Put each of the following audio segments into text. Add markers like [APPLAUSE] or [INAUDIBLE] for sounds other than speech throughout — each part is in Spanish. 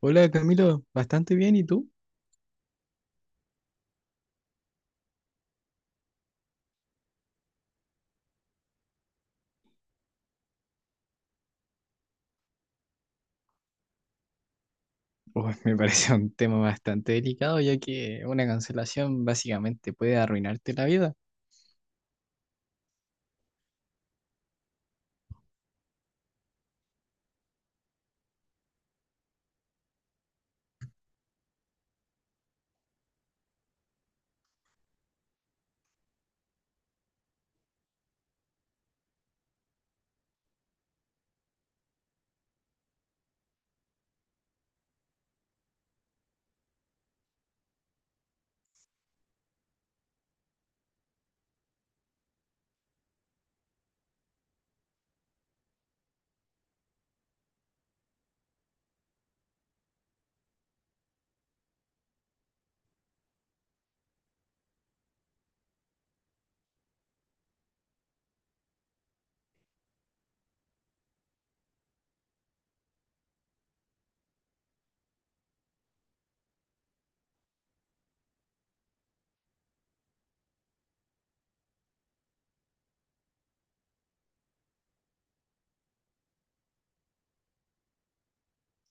Hola Camilo, bastante bien, ¿y tú? Uy, me parece un tema bastante delicado, ya que una cancelación básicamente puede arruinarte la vida.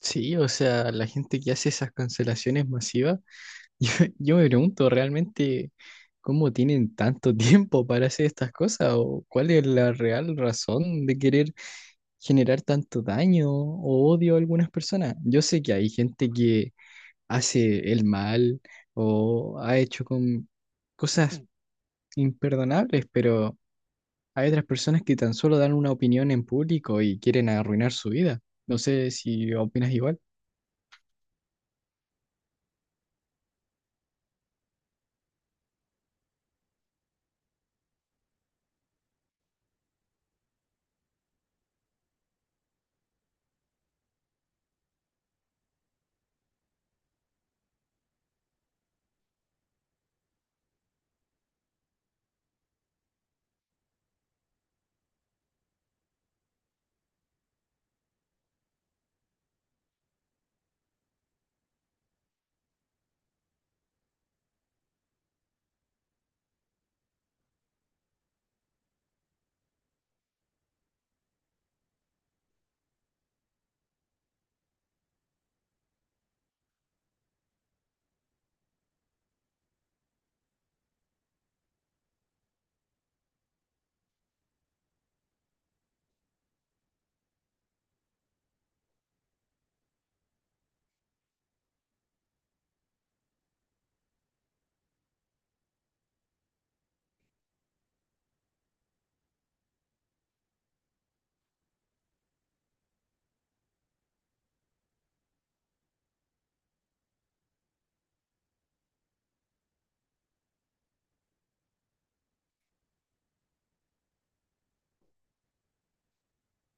Sí, o sea, la gente que hace esas cancelaciones masivas, [LAUGHS] yo, yo me pregunto realmente cómo tienen tanto [LAUGHS] tiempo para hacer estas cosas o cuál es la real razón de querer generar tanto daño o odio a algunas personas. Yo sé que hay gente que hace el mal o ha hecho con cosas imperdonables, pero hay otras personas que tan solo dan una opinión en público y quieren arruinar su vida. No sé si opinas igual.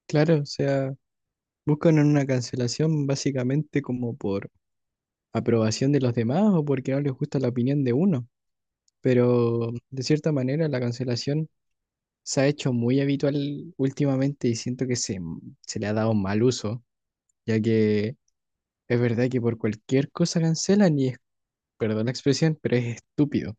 Claro, o sea, buscan una cancelación básicamente como por aprobación de los demás o porque no les gusta la opinión de uno. Pero de cierta manera la cancelación se ha hecho muy habitual últimamente y siento que se le ha dado mal uso, ya que es verdad que por cualquier cosa cancelan y es, perdón la expresión, pero es estúpido.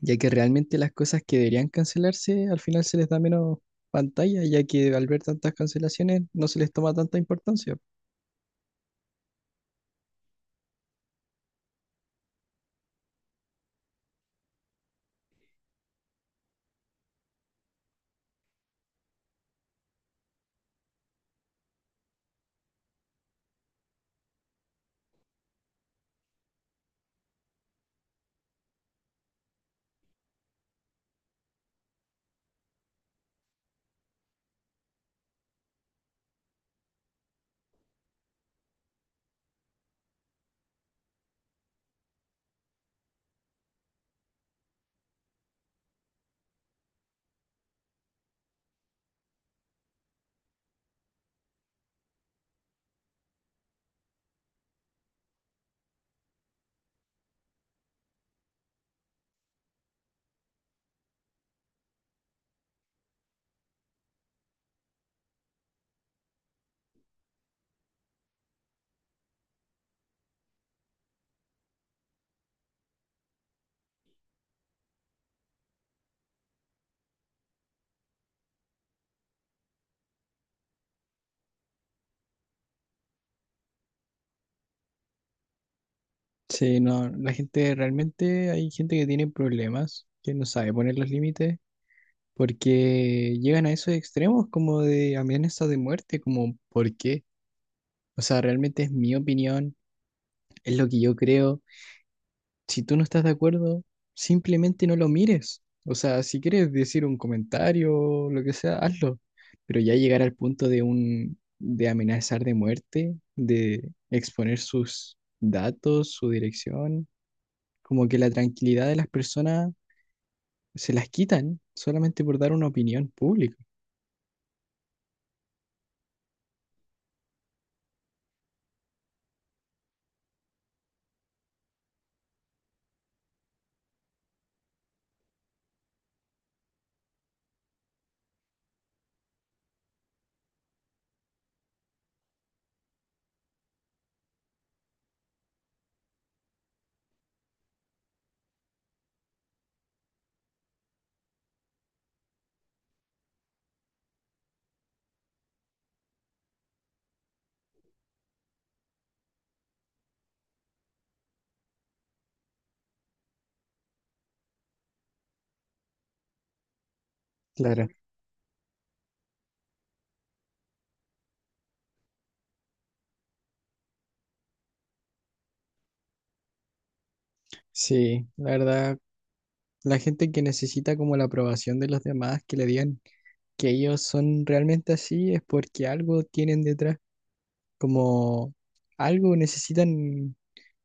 Ya que realmente las cosas que deberían cancelarse al final se les da menos pantalla, ya que al ver tantas cancelaciones no se les toma tanta importancia. Sí, no, la gente realmente, hay gente que tiene problemas, que no sabe poner los límites, porque llegan a esos extremos como de amenazas de muerte, como ¿por qué? O sea, realmente es mi opinión, es lo que yo creo. Si tú no estás de acuerdo, simplemente no lo mires. O sea, si quieres decir un comentario, lo que sea, hazlo. Pero ya llegar al punto de de amenazar de muerte, de exponer sus datos, su dirección, como que la tranquilidad de las personas se las quitan solamente por dar una opinión pública. Claro. Sí, la verdad, la gente que necesita como la aprobación de los demás, que le digan que ellos son realmente así, es porque algo tienen detrás. Como algo necesitan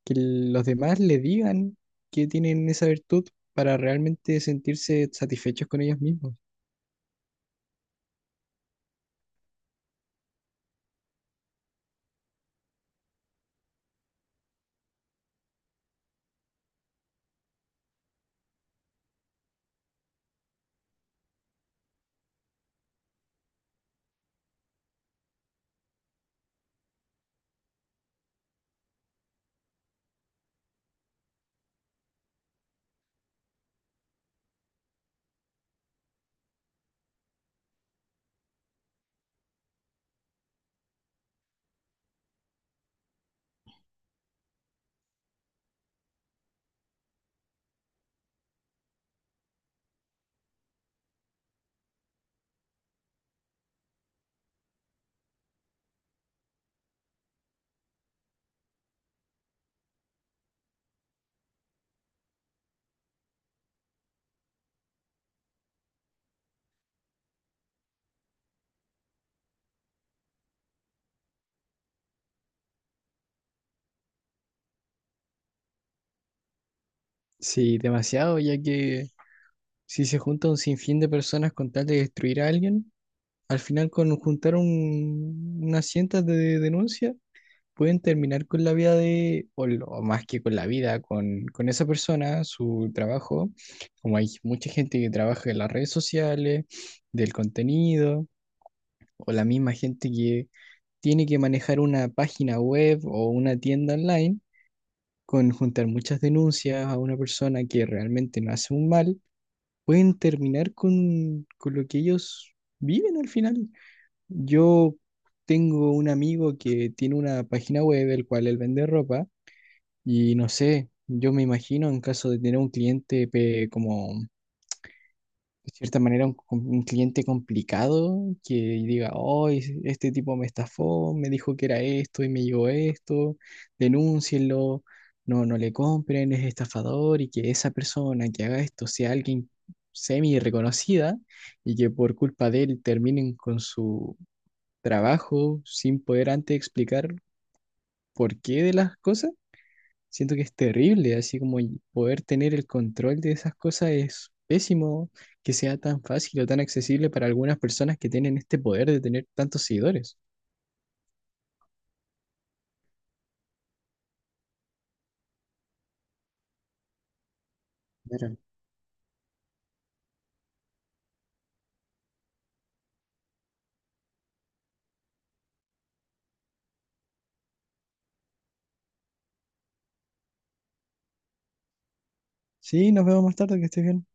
que los demás le digan que tienen esa virtud para realmente sentirse satisfechos con ellos mismos. Sí, demasiado, ya que si se junta un sinfín de personas con tal de destruir a alguien, al final con juntar unas cientas de denuncias, pueden terminar con la vida de, o, o más que con la vida, con esa persona, su trabajo, como hay mucha gente que trabaja en las redes sociales, del contenido. O la misma gente que tiene que manejar una página web o una tienda online, con juntar muchas denuncias a una persona que realmente no hace un mal, pueden terminar con lo que ellos viven al final. Yo tengo un amigo que tiene una página web, el cual él vende ropa, y no sé, yo me imagino en caso de tener un como de cierta manera un cliente complicado que diga, oh, este tipo me estafó, me dijo que era esto y me llegó esto, denúncienlo, no le compren, es estafador y que esa persona que haga esto sea alguien semi reconocida y que por culpa de él terminen con su trabajo sin poder antes explicar por qué de las cosas. Siento que es terrible, así como y poder tener el control de esas cosas es pésimo que sea tan fácil o tan accesible para algunas personas que tienen este poder de tener tantos seguidores. Claro. Sí, nos vemos más tarde, que estés bien.